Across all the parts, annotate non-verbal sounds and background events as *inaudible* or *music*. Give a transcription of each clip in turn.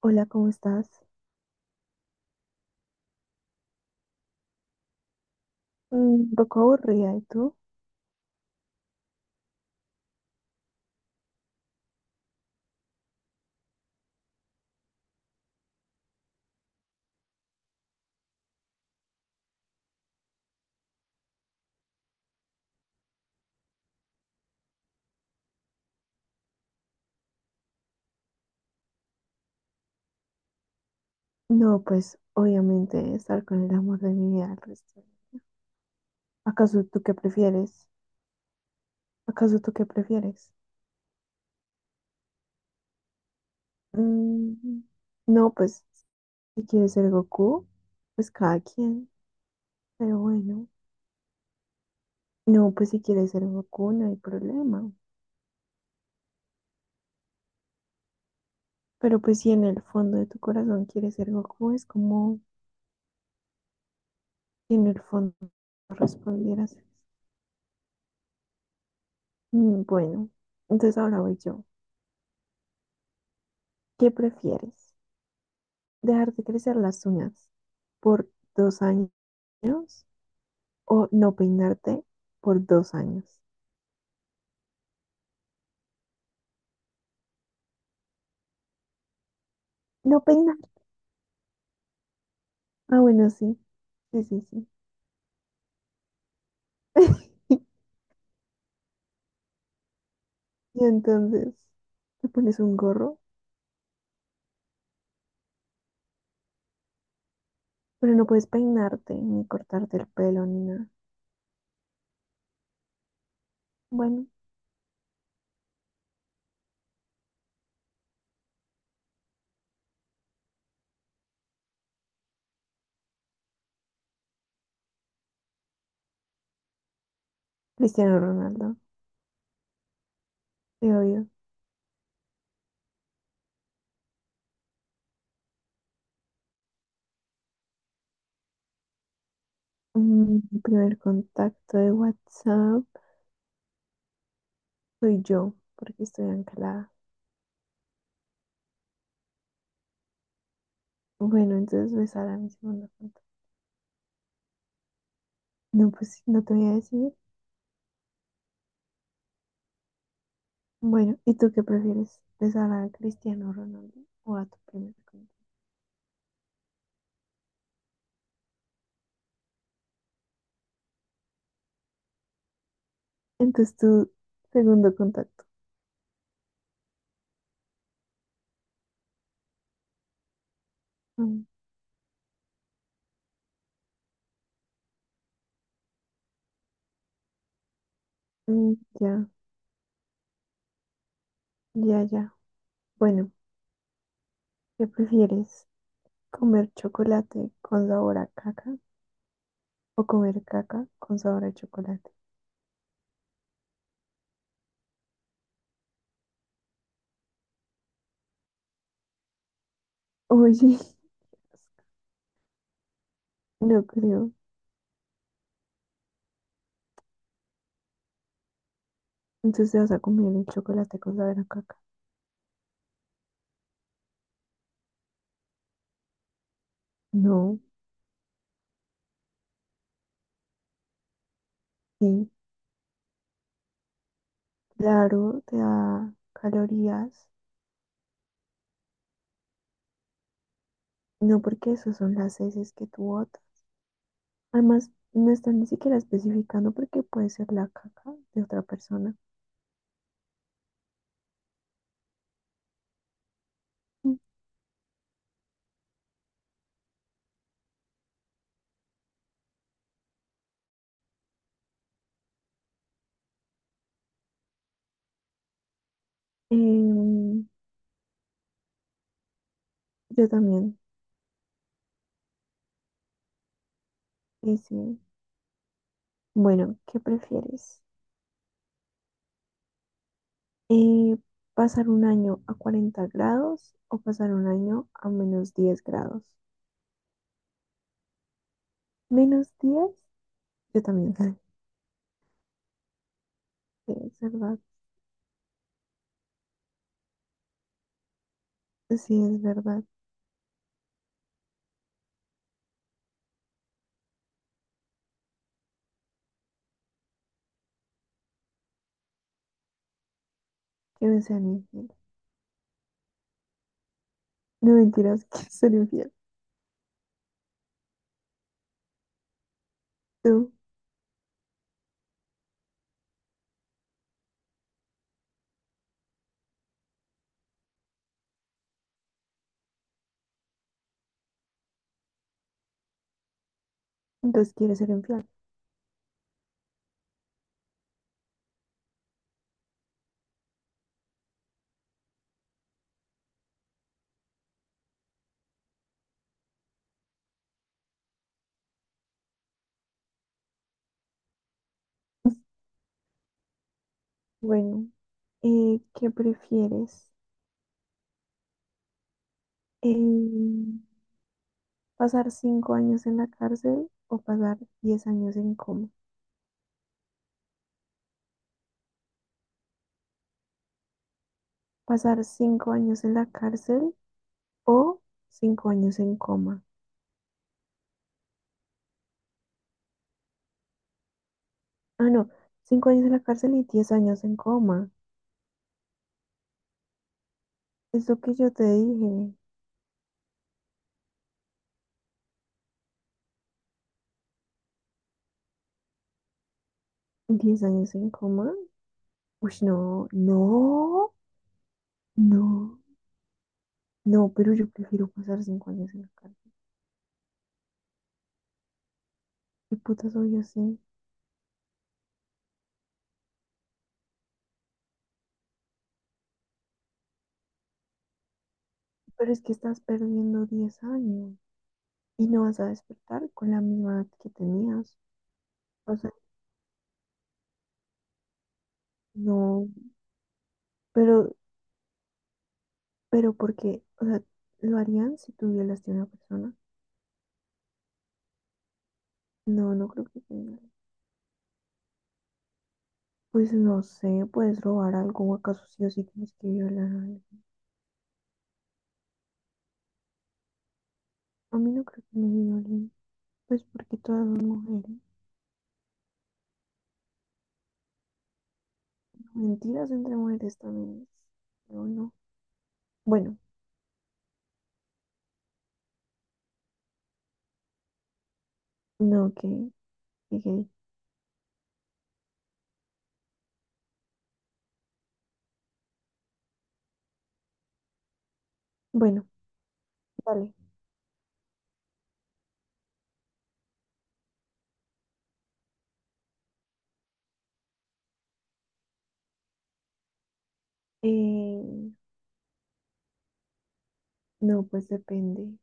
Hola, ¿cómo estás? Mm. Un poco aburrida, ¿y tú? No, pues obviamente estar con el amor de mi vida el resto. ¿Acaso tú qué prefieres? ¿Acaso tú qué prefieres? Mm, no, pues si quieres ser Goku, pues cada quien, pero bueno. No, pues si quieres ser Goku no hay problema. Pero pues si en el fondo de tu corazón quieres ser Goku, es como si en el fondo respondieras. Bueno, entonces ahora voy yo. ¿Qué prefieres? Dejarte crecer las uñas por 2 años o no peinarte por 2 años. No peinar. Ah, bueno, sí. Sí, sí, sí. *laughs* Y entonces te pones un gorro, pero no puedes peinarte ni cortarte el pelo ni nada. Bueno, Cristiano Ronaldo, te odio. Mi primer contacto de WhatsApp soy yo, porque estoy anclada. Bueno, entonces besar a mi segundo contacto. No, pues no te voy a decir. Bueno, ¿y tú qué prefieres? ¿Besar a Cristiano Ronaldo o a tu primer contacto? Entonces, tu segundo contacto. Mm, mm, ya, ya, ya. Bueno, ¿qué prefieres? ¿Comer chocolate con sabor a caca o comer caca con sabor a chocolate? Oye, *laughs* no creo. Entonces, ¿te vas a comer el chocolate con sabor a caca? No, sí, claro, te da calorías. No, porque eso son las heces que tu botas. Además, no están ni siquiera especificando porque puede ser la caca de otra persona. Mm. Em, yo también. Dice, bueno, ¿qué prefieres? Eh, ¿Pasar un año a 40 grados o pasar un año a -10 grados? ¿Menos diez? Yo también. *laughs* Sí, es verdad. Sí, es verdad. Que me sean infiel. No mentiras, *laughs* quiero ser infiel. Tú, entonces quieres ser infiel. *laughs* Bueno, ¿qué prefieres? Eh, Pasar 5 años en la cárcel o pasar 10 años en coma. Pasar cinco años en la cárcel o 5 años en coma. Ah, no, 5 años en la cárcel y 10 años en coma. Es lo que yo te dije. 10 años en coma. Uy, no, no, no, no, pero yo prefiero pasar 5 años en la cárcel. ¿Qué puta soy yo así? Pero es que estás perdiendo 10 años y no vas a despertar con la misma edad que tenías. O sea, no, pero Pero porque, o sea, ¿lo harían si tú violaste a una persona? No, no creo que te violen. Pues no sé, puedes robar algo o acaso sí o sí tienes que violar a alguien. A mí no creo que me violen, pues porque todas son mujeres. Mentiras entre mujeres también es, no, no. Bueno, no, que gay. Bueno, vale. Eh, no, pues depende.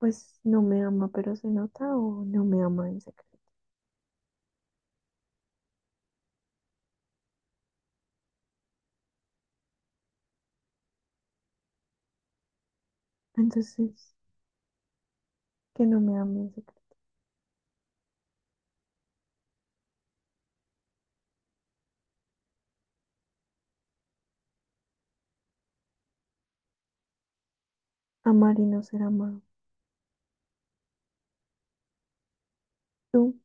Pues no me ama, pero se nota o no me ama en secreto. Entonces, que no me ame en secreto. Amar y no ser amado. ¿Tú?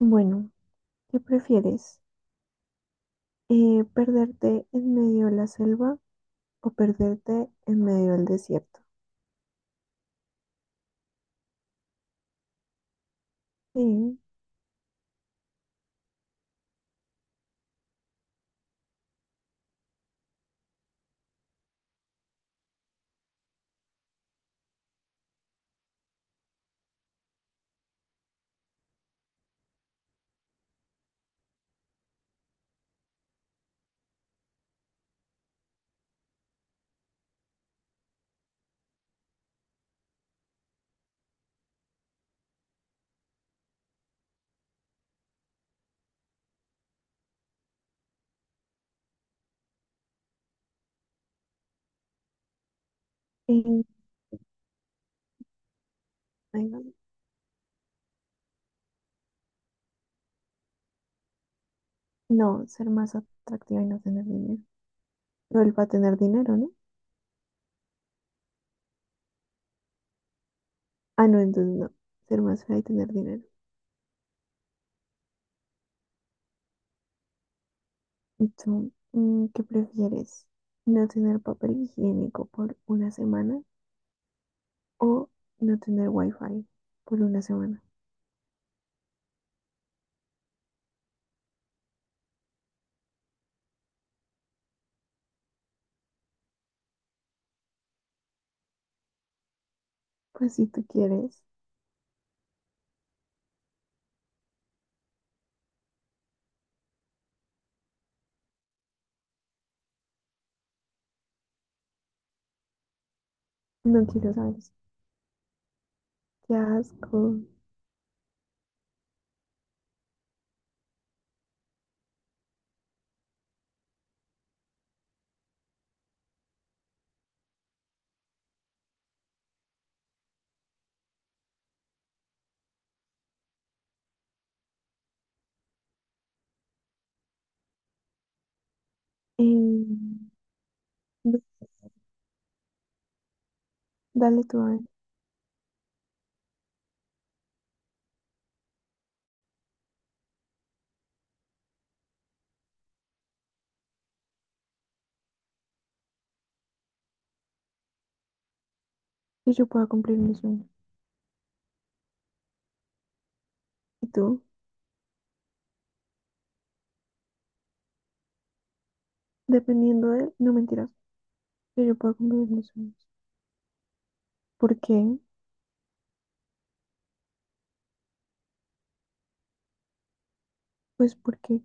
Bueno, ¿qué prefieres? ¿Perderte en medio de la selva o perderte en medio del desierto? Sí, y- ay, no, no, ser más atractiva y no tener dinero. No, él va a tener dinero, ¿no? Ah, no, entonces no. Ser más fea y tener dinero. ¿Y tú, qué prefieres? ¿No tener papel higiénico por una semana o no tener wifi por una semana? Pues si tú quieres, no quiero saber. Qué asco. Em, no. Dale tú a ver, que yo pueda cumplir mis sueños. Y tú, dependiendo de, no mentiras, que yo pueda cumplir mis sueños. ¿Por qué? Pues porque,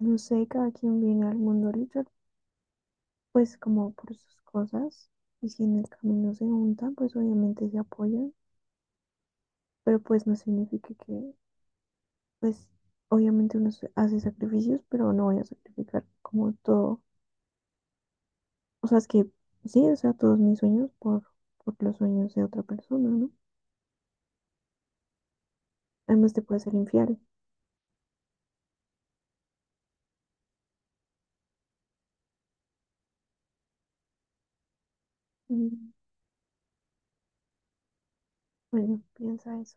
no sé, cada quien viene al mundo a luchar, pues como por sus cosas. Y si en el camino se juntan, pues obviamente se apoyan. Pero pues no significa que, pues obviamente hace sacrificios, pero no voy a sacrificar como todo. O sea, es que sí, o sea, todos mis sueños por, los sueños de otra persona, ¿no? Además te puede ser infiel. Mm. Bueno, piensa eso.